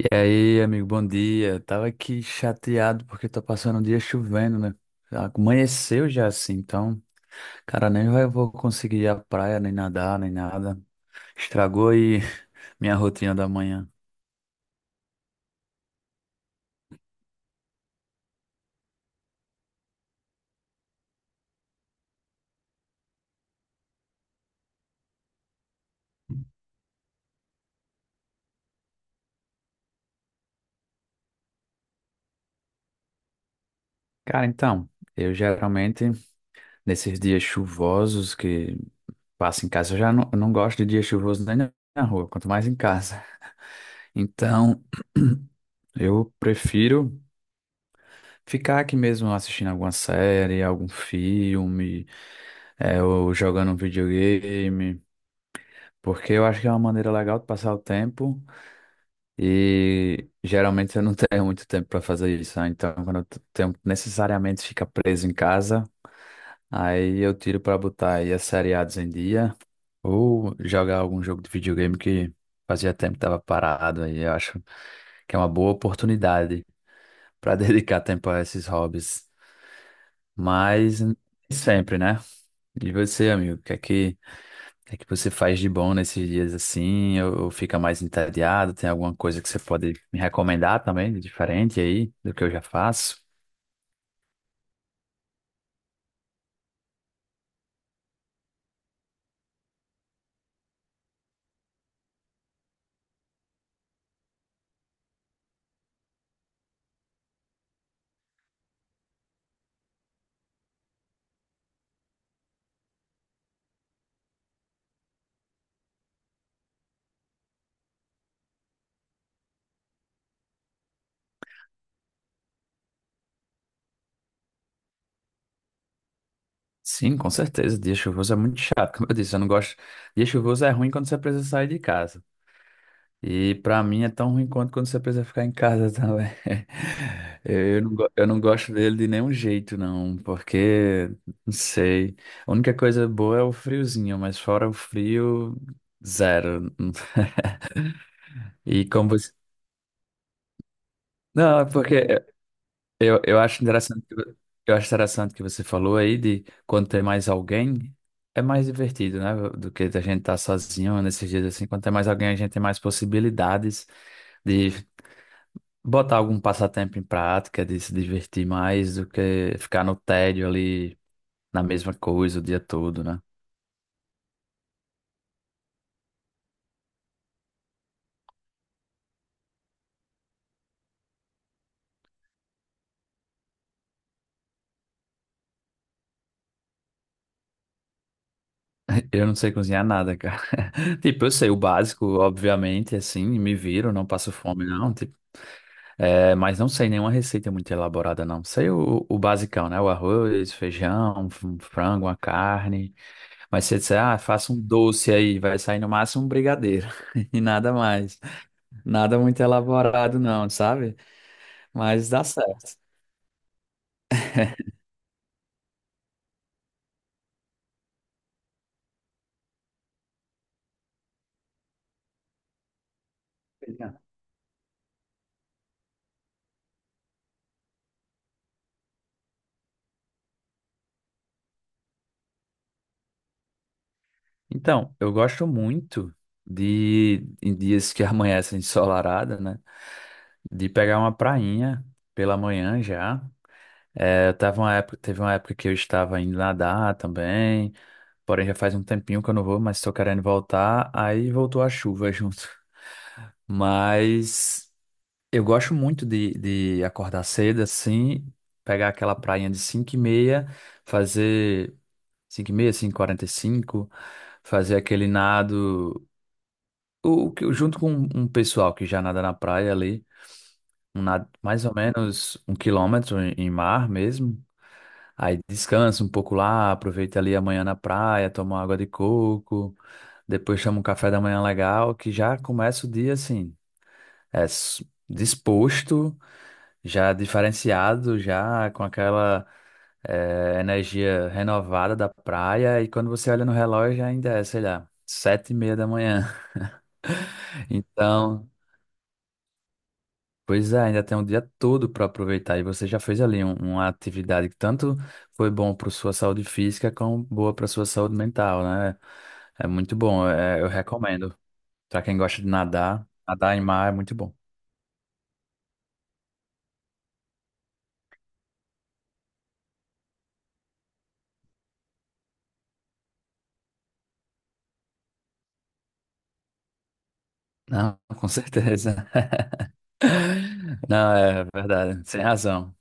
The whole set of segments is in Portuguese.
E aí, amigo, bom dia. Tava aqui chateado porque tá passando um dia chovendo, né? Amanheceu já assim, então, cara, nem vai, vou conseguir ir à praia, nem nadar, nem nada. Estragou aí minha rotina da manhã. Cara, então, eu geralmente, nesses dias chuvosos que passo em casa, eu não gosto de dia chuvoso nem na rua, quanto mais em casa. Então, eu prefiro ficar aqui mesmo assistindo alguma série, algum filme. É, eu jogando um videogame, porque eu acho que é uma maneira legal de passar o tempo e geralmente eu não tenho muito tempo para fazer isso, né? Então quando tenho, necessariamente fica preso em casa, aí eu tiro para botar aí as seriados em dia ou jogar algum jogo de videogame que fazia tempo que estava parado aí, eu acho que é uma boa oportunidade para dedicar tempo a esses hobbies, mas nem sempre, né? E você, amigo, o que é que É que você faz de bom nesses dias assim, ou fica mais entediado? Tem alguma coisa que você pode me recomendar também, de diferente aí do que eu já faço? Sim, com certeza. Dia chuvoso é muito chato, como eu disse, eu não gosto. Dia chuvoso é ruim quando você precisa sair de casa. E pra mim é tão ruim quanto quando você precisa ficar em casa também. Eu não gosto dele de nenhum jeito, não, porque, não sei. A única coisa boa é o friozinho, mas fora o frio, zero. E como você Não, é porque eu acho interessante eu acho interessante que você falou aí de quando tem mais alguém, é mais divertido, né? Do que a gente tá sozinho nesses dias assim. Quando tem mais alguém, a gente tem mais possibilidades de botar algum passatempo em prática, de se divertir mais do que ficar no tédio ali na mesma coisa o dia todo, né? Eu não sei cozinhar nada, cara. Tipo, eu sei o básico, obviamente, assim, me viro, não passo fome, não. É, mas não sei nenhuma receita é muito elaborada, não. Sei o basicão, né? O arroz, feijão, um frango, uma carne. Mas se você disser, ah, faça um doce aí, vai sair no máximo um brigadeiro e nada mais. Nada muito elaborado, não, sabe? Mas dá certo. Então, eu gosto muito de, em dias que amanhecem ensolarada, né? De pegar uma prainha pela manhã já. É, eu tava uma época, teve uma época que eu estava indo nadar também. Porém, já faz um tempinho que eu não vou, mas tô querendo voltar. Aí voltou a chuva junto. Mas eu gosto muito de acordar cedo, assim, pegar aquela prainha de 5 e meia, fazer 5h30, 5h45 fazer aquele nado, junto com um pessoal que já nada na praia ali, um nado mais ou menos 1 km em mar mesmo. Aí descansa um pouco lá, aproveita ali amanhã na praia, toma uma água de coco, depois chama um café da manhã legal, que já começa o dia assim, disposto, já diferenciado, já com aquela energia renovada da praia, e quando você olha no relógio ainda é, sei lá, 7h30 da manhã. Então, pois é, ainda tem um dia todo para aproveitar e você já fez ali uma atividade que tanto foi bom para sua saúde física como boa para sua saúde mental, né? É muito bom, é, eu recomendo. Para quem gosta de nadar, nadar em mar é muito bom. Não, com certeza. Não, é verdade, sem razão.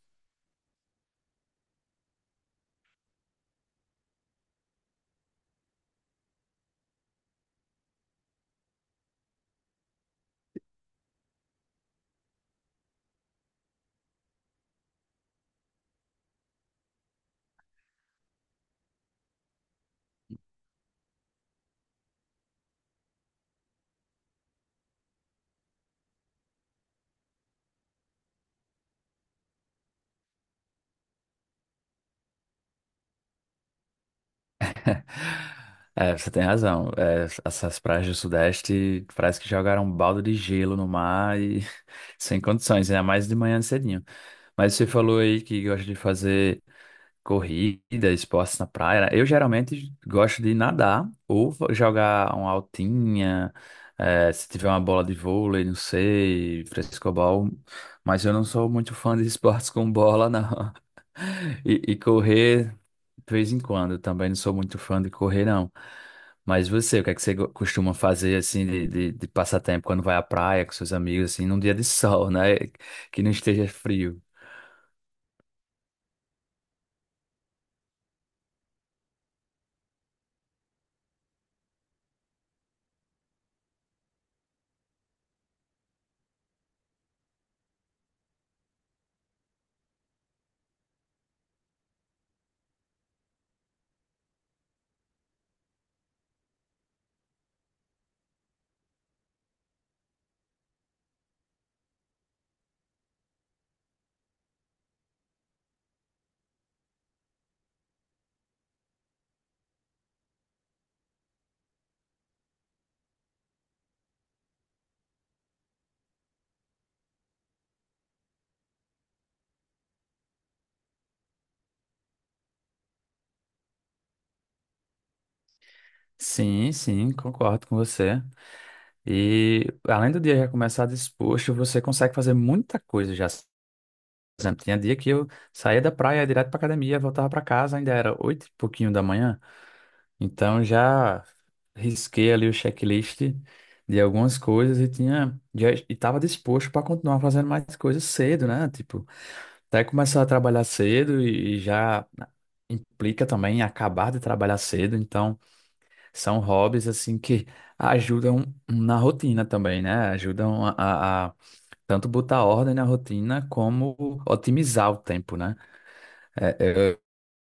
É, você tem razão. É, essas praias do Sudeste parece que jogaram um balde de gelo no mar e sem condições, ainda mais de manhã cedinho. Mas você falou aí que gosta de fazer corrida, esportes na praia. Né? Eu geralmente gosto de nadar ou jogar uma altinha, se tiver uma bola de vôlei, não sei, frescobol. Mas eu não sou muito fã de esportes com bola, não. E correr, de vez em quando, também não sou muito fã de correr, não. Mas você, o que é que você go- costuma fazer, assim, de passatempo quando vai à praia com seus amigos, assim, num dia de sol, né? Que não esteja frio. Sim, sim, concordo com você. E além do dia já começar disposto, você consegue fazer muita coisa já. Por exemplo, tinha dia que eu saía da praia ia direto para academia, voltava para casa, ainda era oito e pouquinho da manhã. Então já risquei ali o checklist de algumas coisas e tinha já estava disposto para continuar fazendo mais coisas cedo, né? Tipo, até começar a trabalhar cedo e já né, implica também em acabar de trabalhar cedo. Então são hobbies assim que ajudam na rotina também, né? Ajudam a tanto botar ordem na rotina como otimizar o tempo, né?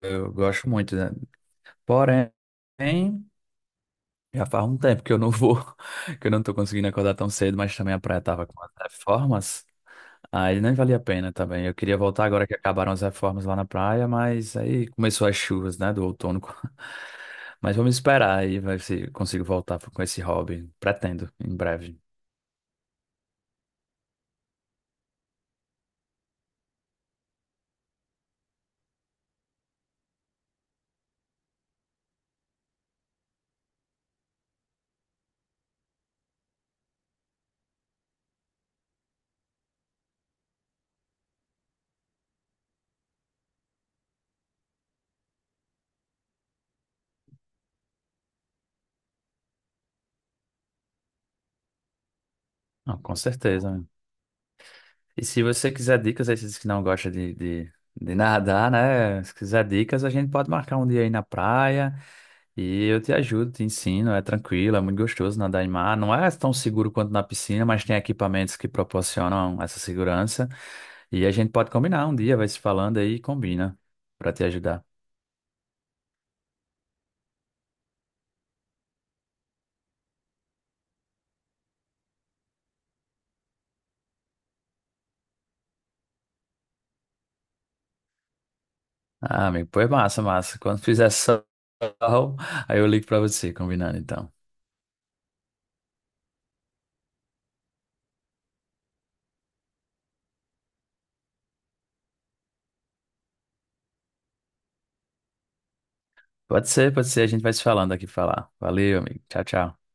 Eu gosto muito, né? Porém, já faz um tempo que eu não vou, que eu não tô conseguindo acordar tão cedo, mas também a praia tava com as reformas, aí nem valia a pena também. Eu queria voltar agora que acabaram as reformas lá na praia, mas aí começou as chuvas, né, do outono. Mas vamos esperar aí, vai se consigo voltar com esse hobby. Pretendo, em breve. Não, com certeza. Né? E se você quiser dicas, aí você disse que não gosta de nadar, né? Se quiser dicas, a gente pode marcar um dia aí na praia e eu te ajudo, te ensino. É tranquilo, é muito gostoso nadar em mar. Não é tão seguro quanto na piscina, mas tem equipamentos que proporcionam essa segurança. E a gente pode combinar um dia, vai se falando aí e combina pra te ajudar. Ah, amigo, pois massa, massa. Quando fizer sol, aí eu ligo pra você, combinando então. Pode ser, pode ser. A gente vai se falando aqui pra falar. Valeu, amigo. Tchau, tchau.